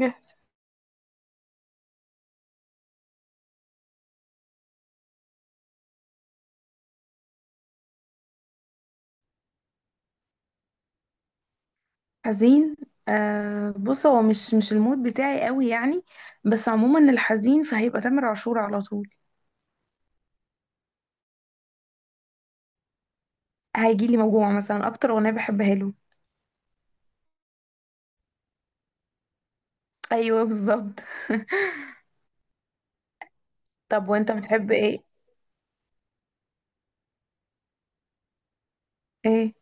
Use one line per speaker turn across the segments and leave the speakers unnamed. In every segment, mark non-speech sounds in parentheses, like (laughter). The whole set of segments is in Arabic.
جاهز. حزين؟ آه، بص، هو مش المود بتاعي قوي يعني، بس عموما الحزين فهيبقى تامر عاشور على طول. هيجي لي موجوع مثلا اكتر اغنيه بحبها له. ايوه بالظبط. (laughs) طب وانت بتحب ايه؟ ايه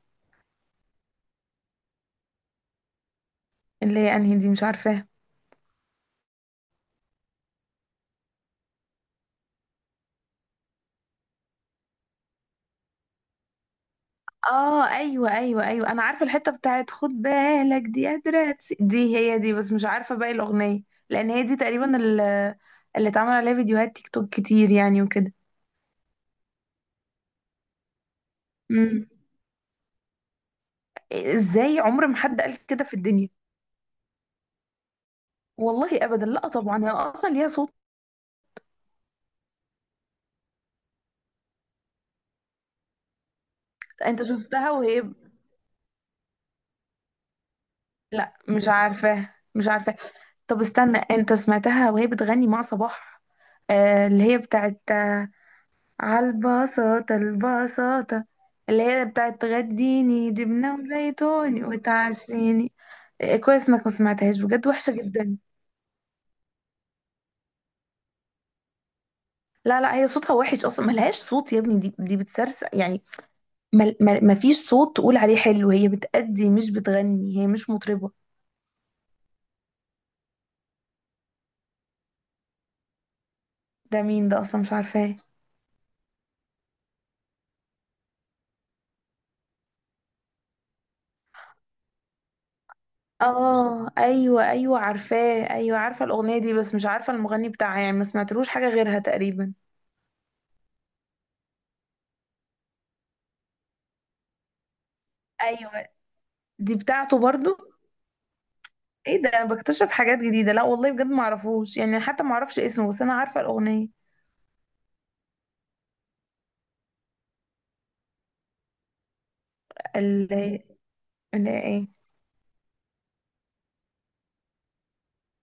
اللي هي انهي دي؟ مش عارفاها. اه ايوه ايوه ايوه، انا عارفه الحته بتاعت خد بالك دي قادره دي، هي دي، بس مش عارفه باقي الاغنيه، لان هي دي تقريبا اللي اتعمل عليها فيديوهات تيك توك كتير يعني وكده. امم، ازاي عمر ما حد قال كده في الدنيا؟ والله ابدا، لا طبعا هي اصلا ليها صوت. انت شفتها وهي، لا مش عارفاه مش عارفاه. طب استنى، انت سمعتها وهي بتغني مع صباح؟ آه اللي هي بتاعت على البساطة البساطة، اللي هي بتاعت تغديني جبنة وزيتوني وتعشيني. كويس انك ما سمعتهاش، بجد وحشة جدا. لا لا، هي صوتها وحش اصلا، ملهاش صوت يا ابني، دي بتسرسق يعني. ما ما فيش صوت تقول عليه حلو، هي بتأدي مش بتغني، هي مش مطربة. ده مين ده اصلا؟ مش عارفاه. اه ايوه ايوه عارفاه، ايوه عارفه الاغنيه دي بس مش عارفه المغني بتاعها يعني، ما سمعتلوش حاجه غيرها تقريبا. ايوه دي بتاعته برضو. ايه ده، انا بكتشف حاجات جديده، لا والله بجد ما اعرفوش يعني، حتى ما اعرفش اسمه بس انا عارفه الاغنيه. اللي اللي ايه؟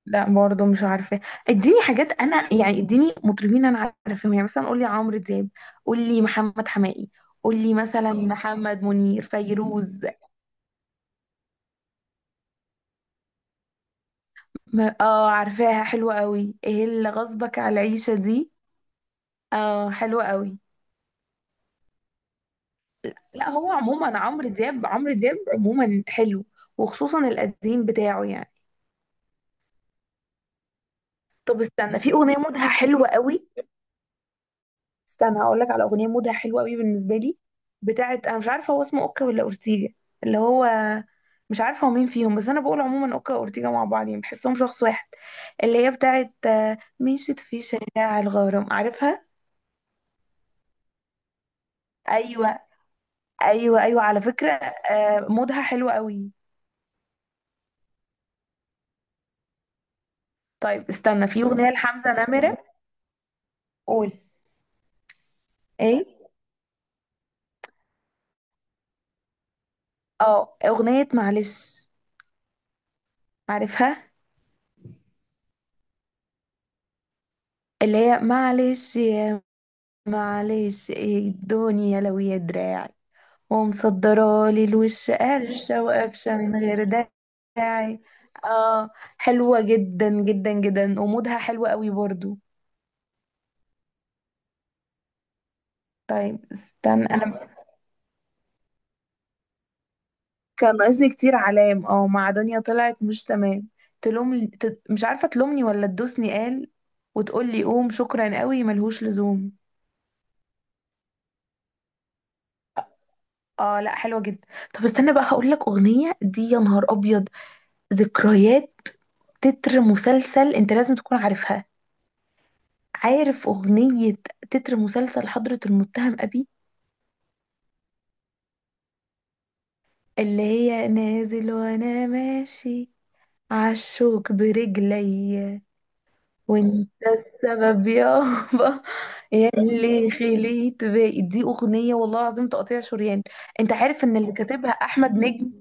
لا برضو مش عارفه. اديني حاجات انا يعني، اديني مطربين انا عارفاهم يعني، مثلا قولي عمرو دياب، قولي محمد حماقي، قولي مثلا محمد منير، فيروز. اه عارفاها، حلوة قوي، ايه اللي غصبك على العيشة دي، اه حلوة قوي. لا هو عموما عمرو دياب، عمرو دياب عموما حلو، وخصوصا القديم بتاعه يعني. طب استنى، في اغنية مودها حلوة قوي، استنى هقول لك على اغنية مودها حلوة قوي بالنسبة لي، بتاعت، انا مش عارفة هو اسمه اوكا ولا اورتيجا، اللي هو، مش عارفة هو مين فيهم، بس انا بقول عموما اوكا واورتيجا مع بعض يعني، بحسهم شخص واحد. اللي هي بتاعت مشيت في شارع الغرام، عارفها؟ ايوه ايوه ايوه على فكره. مودها حلو قوي. طيب استنى، في اغنيه لحمزه نمره. قول. ايه؟ اه، اغنيه معلش، عارفها؟ اللي هي معلش يا، معلش، ايه الدنيا لو يا دراعي، ومصدرالي الوش قرشه وقفشه من غير داعي. اه حلوه جدا جدا جدا ومودها حلو قوي برضو. طيب استنى انا، كان ناقصني كتير علام، اه، مع دنيا طلعت مش تمام، تلوم مش عارفة تلومني ولا تدوسني قال، وتقول لي قوم شكرا قوي ملهوش لزوم. اه، لا حلوة جدا. طب استنى بقى، هقول لك أغنية، دي يا نهار أبيض، ذكريات، تتر مسلسل، انت لازم تكون عارفها، عارف أغنية، تتر مسلسل حضرة المتهم أبي، اللي هي نازل وانا ماشي عالشوك برجلي، وانت السبب يابا، اللي خليت باقي. دي أغنية والله العظيم تقطيع شريان. أنت عارف إن اللي كاتبها أحمد نجم؟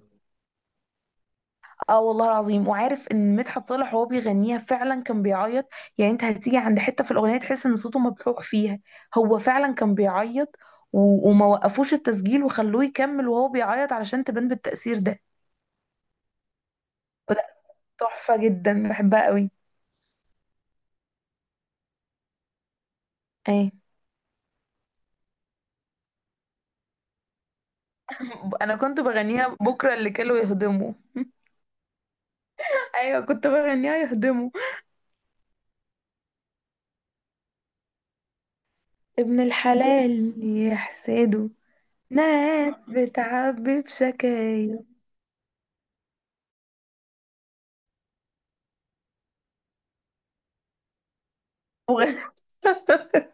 آه والله العظيم، وعارف إن مدحت صالح وهو بيغنيها فعلا كان بيعيط؟ يعني أنت هتيجي عند حتة في الأغنية تحس إن صوته مبحوح فيها، هو فعلا كان بيعيط و... وما وقفوش التسجيل وخلوه يكمل وهو بيعيط علشان تبان بالتأثير ده. لا تحفة جدا، بحبها قوي. ايه؟ انا كنت بغنيها بكره اللي كانوا يهضموا. (laughs) ايوه كنت بغنيها يهضموا. ابن الحلال يحسده، ناس بتعبي بشكايا. وغ- (laughs)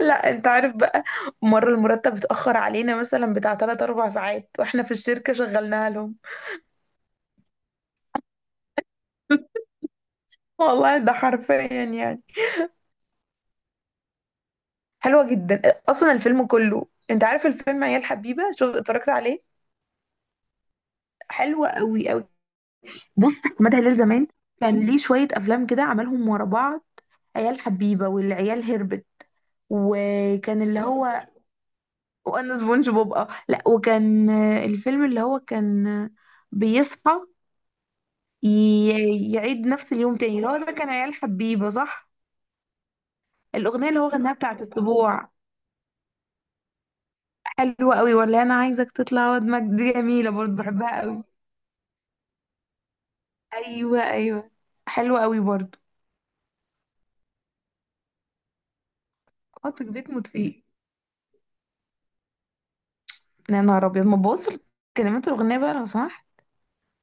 لا انت عارف بقى، مرة المرتب اتأخر علينا مثلا بتاع 3 4 ساعات واحنا في الشركة شغلناها لهم. (laughs) والله ده حرفيا يعني. حلوة جدا، اصلا الفيلم كله، انت عارف الفيلم عيال حبيبة شو اتفرجت عليه؟ حلوة قوي قوي. بص احمد هلال زمان كان ليه شوية افلام كده عملهم ورا بعض، عيال حبيبة، والعيال هربت، وكان اللي هو، وانا سبونج بوب، اه لا، وكان الفيلم اللي هو كان، بيصحى، يعيد نفس اليوم تاني، اللي هو ده كان عيال حبيبة صح؟ الأغنية اللي هو غناها بتاعت الطبوع، حلوة قوي، ولا أنا عايزك تطلع ودمك دي جميلة برضه، بحبها قوي. أيوة أيوة حلوة قوي برضه. صحباتك بيت موت فيه، يا نهار أبيض ما تبص، كلمات الأغنية بقى لو سمحت.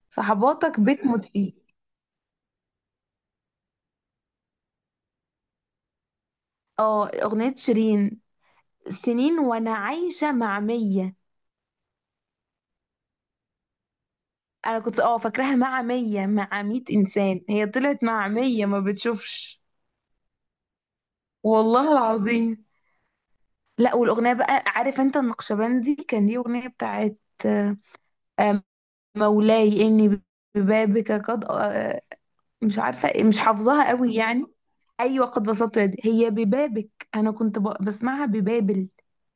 صحباتك بيت موت فيه. اه أغنية شيرين، سنين وأنا عايشة مع مية. انا كنت اه فاكراها مع مية انسان، هي طلعت مع مية ما بتشوفش. والله العظيم. لا والاغنية بقى، عارف انت النقشبندي كان ليه اغنية بتاعت، آه، آه، مولاي اني ببابك قد مش عارفة، مش حافظاها قوي يعني. ايوه قد بسطت يدي، هي ببابك، انا كنت بسمعها ببابل،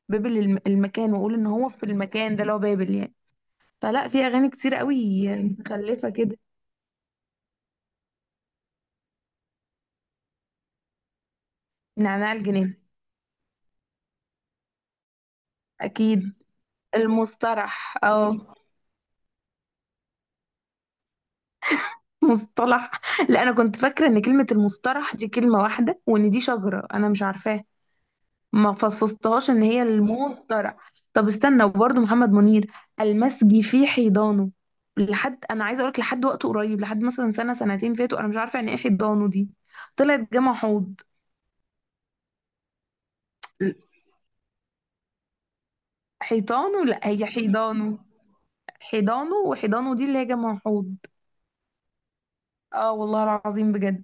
بابل المكان، واقول ان هو في المكان ده اللي هو بابل يعني. فلا في اغاني كتير قوي متخلفة كده. نعناع الجنين. اكيد. المصطلح، اه، مصطلح. (laughs) لا انا كنت فاكره ان كلمه المصطلح دي كلمه واحده، وان دي شجره انا مش عارفاها، ما فصصتهاش ان هي المصطلح. طب استنى، وبرده محمد منير، المسجي في حيضانه، لحد، انا عايزه اقولك، لحد وقت قريب، لحد مثلا سنه سنتين فاتوا، انا مش عارفه يعني ايه حيضانه دي، طلعت جمع حوض. حيطانه، لا هي حيضانه، حيضانه، وحيضانه دي اللي هي جمع حوض. اه والله العظيم بجد.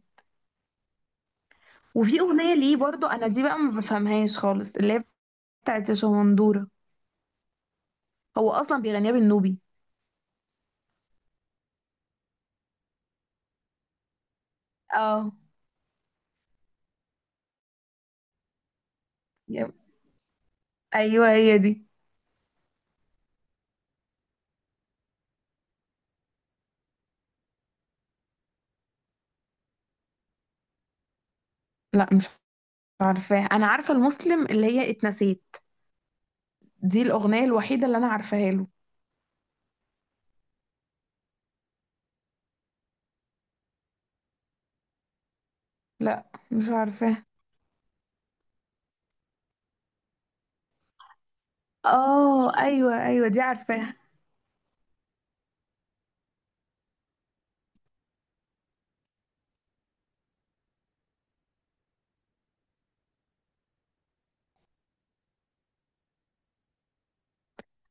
وفي اغنيه ليه برضو انا دي بقى ما بفهمهاش خالص، اللي هي بتاعت شمندورة، هو اصلا بيغنيها بالنوبي. اه. يب. ايوه هي دي. لا مش عارفاها، انا عارفه المسلم اللي هي اتنسيت، دي الاغنيه الوحيده اللي انا عارفاها له. لا مش عارفاها. اه ايوه ايوه دي عارفاها.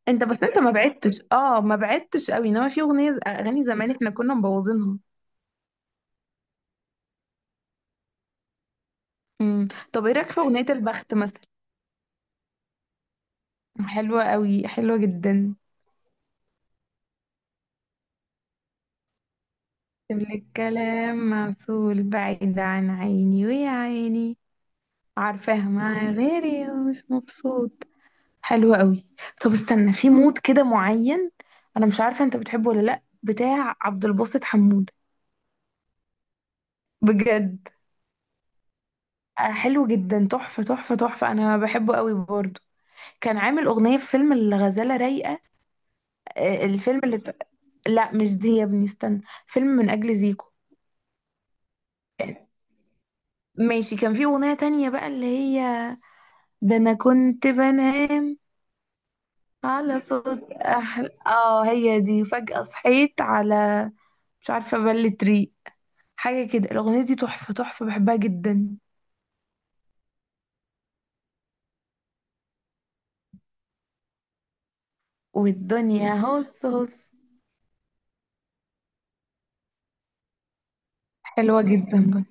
انت بس انت ما بعدتش، اه ما بعدتش قوي، انما في اغنيه اغاني زمان احنا كنا مبوظينها. امم، طب ايه رايك في اغنيه البخت مثلا؟ حلوه قوي، حلوه جدا. سيب لي الكلام معسول بعيد عن عيني ويا عيني. عارفاها، مع غيري مش مبسوط، حلوة قوي. طب استنى، في مود كده معين، انا مش عارفة انت بتحبه ولا لا، بتاع عبد الباسط حمود. بجد. حلو جدا، تحفة تحفة تحفة، انا بحبه قوي برضه. كان عامل اغنية في فيلم الغزالة رايقة، الفيلم اللي ب... لا مش دي يا ابني، استنى، فيلم من اجل زيكو. ماشي، كان في اغنية تانية بقى اللي هي، ده انا كنت بنام على صوت احلى، اه هي دي، فجأة صحيت على، مش عارفة بل تري حاجة كده، الأغنية دي تحفة تحفة، بحبها جدا. والدنيا هوس هوس. حلوة جدا. (laughs) بقى.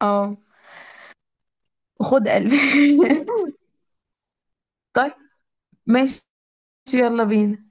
اه وخد قلبي. (laughs) طيب، ماشي. يلا بينا.